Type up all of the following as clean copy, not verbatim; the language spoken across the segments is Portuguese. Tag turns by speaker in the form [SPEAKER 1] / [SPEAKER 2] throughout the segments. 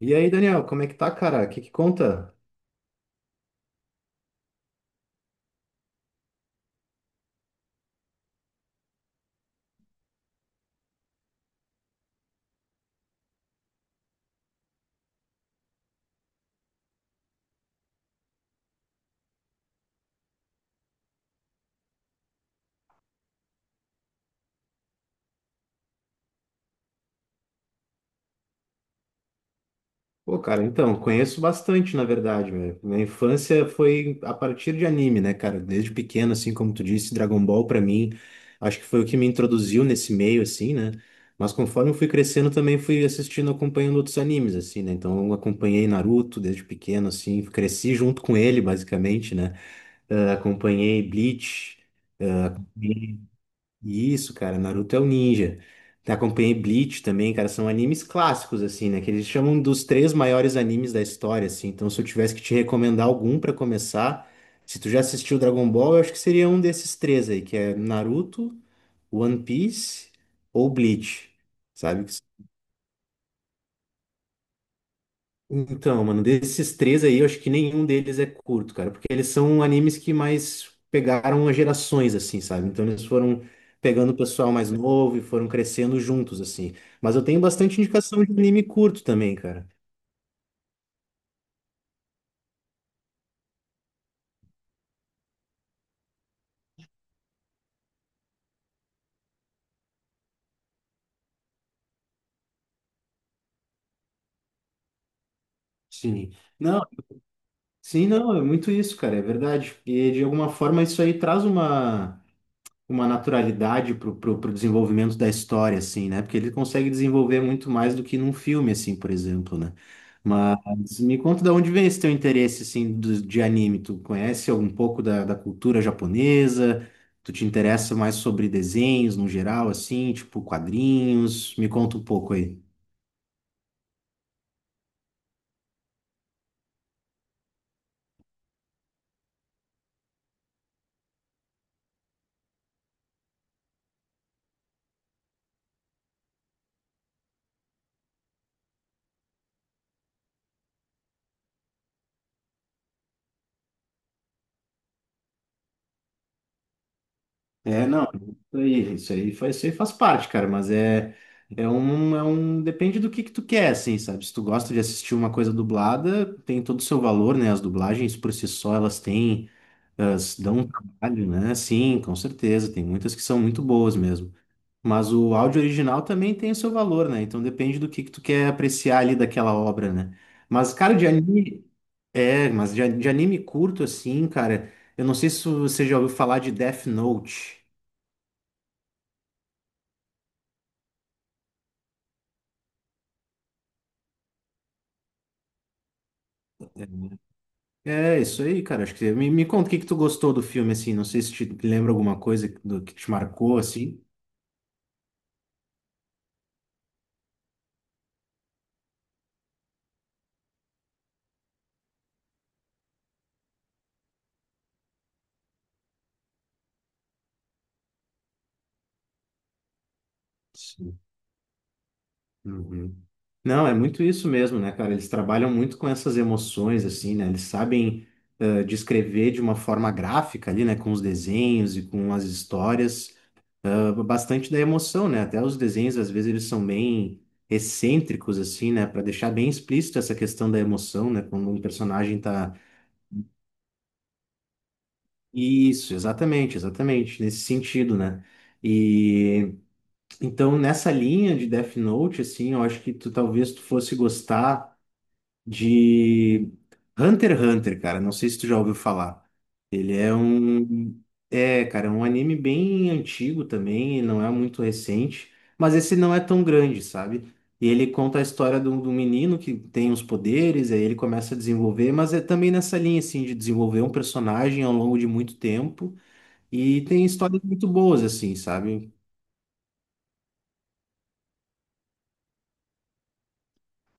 [SPEAKER 1] E aí, Daniel, como é que tá, cara? O que que conta? Pô, cara, então, conheço bastante, na verdade, meu. Minha infância foi a partir de anime, né, cara? Desde pequeno, assim, como tu disse, Dragon Ball pra mim, acho que foi o que me introduziu nesse meio, assim, né? Mas conforme eu fui crescendo, também fui assistindo, acompanhando outros animes, assim, né? Então, eu acompanhei Naruto desde pequeno, assim, cresci junto com ele, basicamente, né? Ah, acompanhei Bleach. Isso, cara, Naruto é o ninja. Acompanhei Bleach também, cara, são animes clássicos, assim, né? Que eles chamam dos três maiores animes da história, assim. Então, se eu tivesse que te recomendar algum pra começar, se tu já assistiu Dragon Ball, eu acho que seria um desses três aí, que é Naruto, One Piece ou Bleach, sabe? Que então, mano, desses três aí, eu acho que nenhum deles é curto, cara, porque eles são animes que mais pegaram as gerações, assim, sabe? Então eles foram pegando o pessoal mais novo e foram crescendo juntos, assim. Mas eu tenho bastante indicação de anime curto também, cara. Sim. Não, sim, não, é muito isso, cara, é verdade. E de alguma forma isso aí traz uma. Uma naturalidade pro desenvolvimento da história, assim, né? Porque ele consegue desenvolver muito mais do que num filme, assim, por exemplo, né? Mas me conta de onde vem esse teu interesse, assim, do, de anime. Tu conhece algum pouco da, da cultura japonesa? Tu te interessa mais sobre desenhos no geral, assim, tipo quadrinhos? Me conta um pouco aí. É, não, isso aí faz parte, cara, mas é, é um, depende do que tu quer, assim, sabe? Se tu gosta de assistir uma coisa dublada, tem todo o seu valor, né? As dublagens por si só, elas têm, elas dão um trabalho, né? Sim, com certeza, tem muitas que são muito boas mesmo. Mas o áudio original também tem o seu valor, né? Então depende do que tu quer apreciar ali daquela obra, né? Mas, cara, de anime, é, mas de anime curto, assim, cara, eu não sei se você já ouviu falar de Death Note. É isso aí, cara. Acho que me conta o que que tu gostou do filme, assim. Não sei se te lembra alguma coisa que- do que te marcou, assim. Sim. Uhum. Não, é muito isso mesmo, né, cara? Eles trabalham muito com essas emoções, assim, né? Eles sabem descrever de uma forma gráfica ali, né? Com os desenhos e com as histórias, bastante da emoção, né? Até os desenhos, às vezes, eles são bem excêntricos, assim, né? Para deixar bem explícito essa questão da emoção, né? Quando um personagem tá isso, exatamente, exatamente, nesse sentido, né? E então nessa linha de Death Note, assim, eu acho que tu talvez tu fosse gostar de Hunter x Hunter, cara. Não sei se tu já ouviu falar. Ele é um, é, cara, é um anime bem antigo também, não é muito recente, mas esse não é tão grande, sabe? E ele conta a história de um menino que tem os poderes, aí ele começa a desenvolver, mas é também nessa linha, assim, de desenvolver um personagem ao longo de muito tempo e tem histórias muito boas, assim, sabe?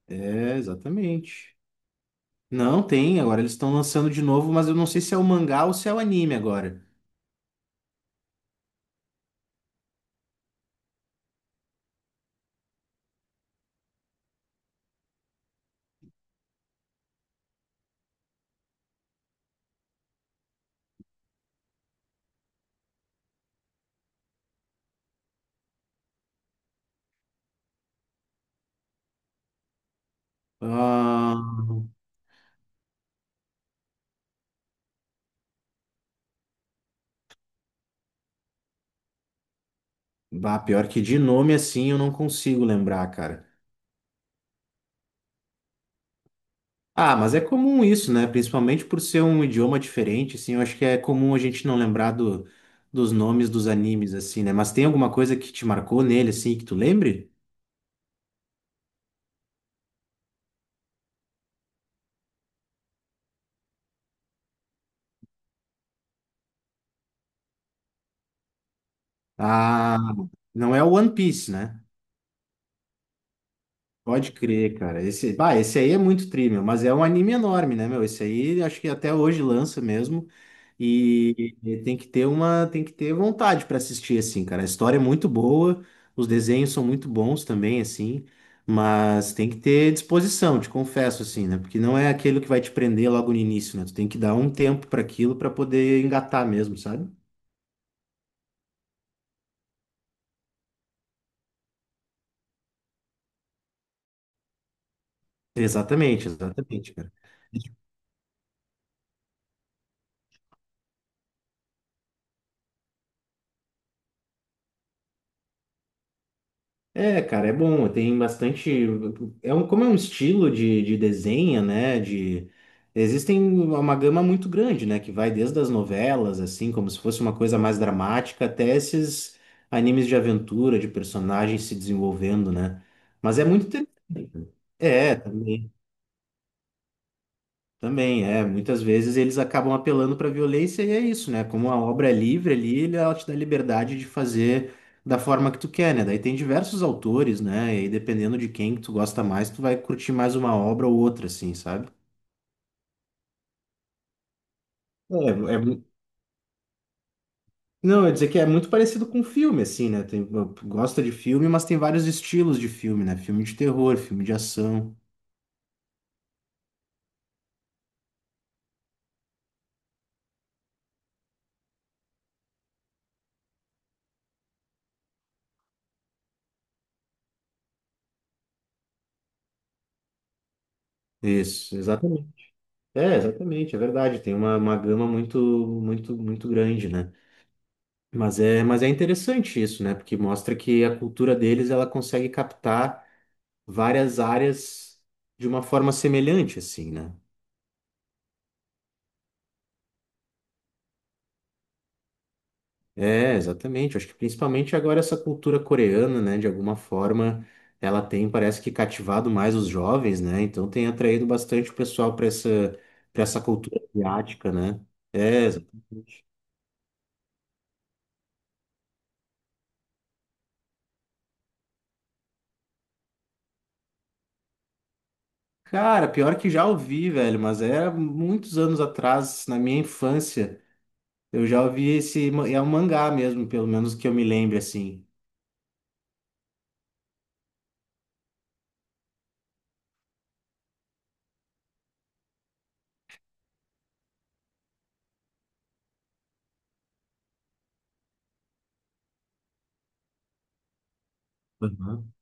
[SPEAKER 1] É, exatamente. Não, tem. Agora eles estão lançando de novo, mas eu não sei se é o mangá ou se é o anime agora. Ah, bah, pior que de nome assim eu não consigo lembrar, cara. Ah, mas é comum isso, né? Principalmente por ser um idioma diferente, assim, eu acho que é comum a gente não lembrar do, dos nomes dos animes, assim, né? Mas tem alguma coisa que te marcou nele, assim, que tu lembre? Ah, não é o One Piece, né? Pode crer, cara. Esse, bah, esse aí é muito tri, meu, mas é um anime enorme, né, meu? Esse aí acho que até hoje lança mesmo. E tem que ter uma, tem que ter vontade para assistir assim, cara. A história é muito boa, os desenhos são muito bons também assim, mas tem que ter disposição, te confesso assim, né? Porque não é aquilo que vai te prender logo no início, né? Tu tem que dar um tempo para aquilo para poder engatar mesmo, sabe? Exatamente, exatamente, cara. É, cara, é bom. Tem bastante. É um, como é um estilo de desenho, né? De existem uma gama muito grande, né? Que vai desde as novelas, assim, como se fosse uma coisa mais dramática, até esses animes de aventura, de personagens se desenvolvendo, né? Mas é muito interessante. É, também. Também, é. Muitas vezes eles acabam apelando para violência e é isso, né? Como a obra é livre ali, ele- ela te dá liberdade de fazer da forma que tu quer, né? Daí tem diversos autores, né? E aí, dependendo de quem que tu gosta mais, tu vai curtir mais uma obra ou outra, assim, sabe? É, é, mu- não, eu ia dizer que é muito parecido com filme, assim, né? Tem, gosta de filme, mas tem vários estilos de filme, né? Filme de terror, filme de ação. Isso, exatamente. É, exatamente, é verdade. Tem uma gama muito, muito, muito grande, né? Mas é interessante isso, né? Porque mostra que a cultura deles ela consegue captar várias áreas de uma forma semelhante, assim, né? É, exatamente. Acho que principalmente agora essa cultura coreana, né? De alguma forma, ela tem, parece que cativado mais os jovens, né? Então tem atraído bastante o pessoal para essa cultura asiática, né? É, exatamente. Cara, pior que já ouvi, velho, mas era muitos anos atrás, na minha infância. Eu já ouvi esse. Ma- é um mangá mesmo, pelo menos que eu me lembre, assim. Aham.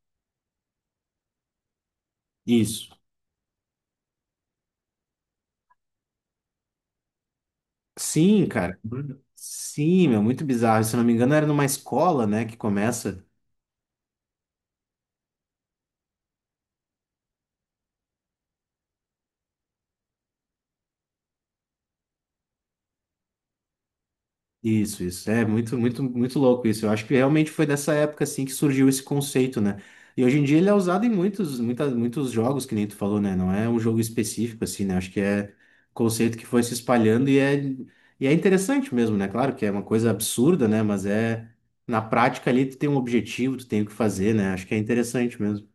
[SPEAKER 1] Isso. Sim, cara. Sim, meu, muito bizarro. Se eu não me engano, era numa escola, né, que começa. Isso, isso. É muito, muito, muito louco isso. Eu acho que realmente foi dessa época assim que surgiu esse conceito, né? E hoje em dia ele é usado em muitos, muita, muitos jogos, que nem tu falou, né? Não é um jogo específico, assim, né? Acho que é conceito que foi se espalhando e é interessante mesmo, né? Claro que é uma coisa absurda, né? Mas é na prática ali tu tem um objetivo, tu tem o que fazer, né? Acho que é interessante mesmo.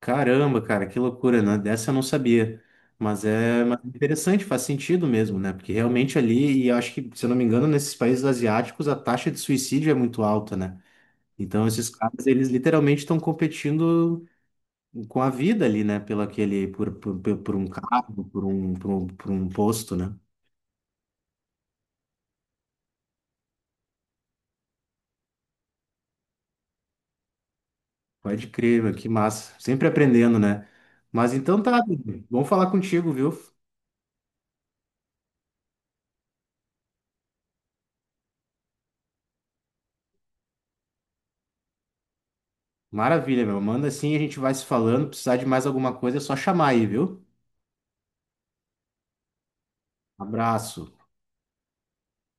[SPEAKER 1] Caramba, cara, que loucura, né? Dessa eu não sabia. Mas é interessante, faz sentido mesmo, né? Porque realmente ali, e eu acho que, se eu não me engano, nesses países asiáticos a taxa de suicídio é muito alta, né? Então esses caras, eles literalmente estão competindo com a vida ali, né? Pelo aquele, por um cargo, por um posto, né? Pode crer, meu, que massa. Sempre aprendendo, né? Mas então tá, bom falar contigo, viu? Maravilha, meu. Manda assim, a gente vai se falando. Precisar de mais alguma coisa, é só chamar aí, viu? Abraço.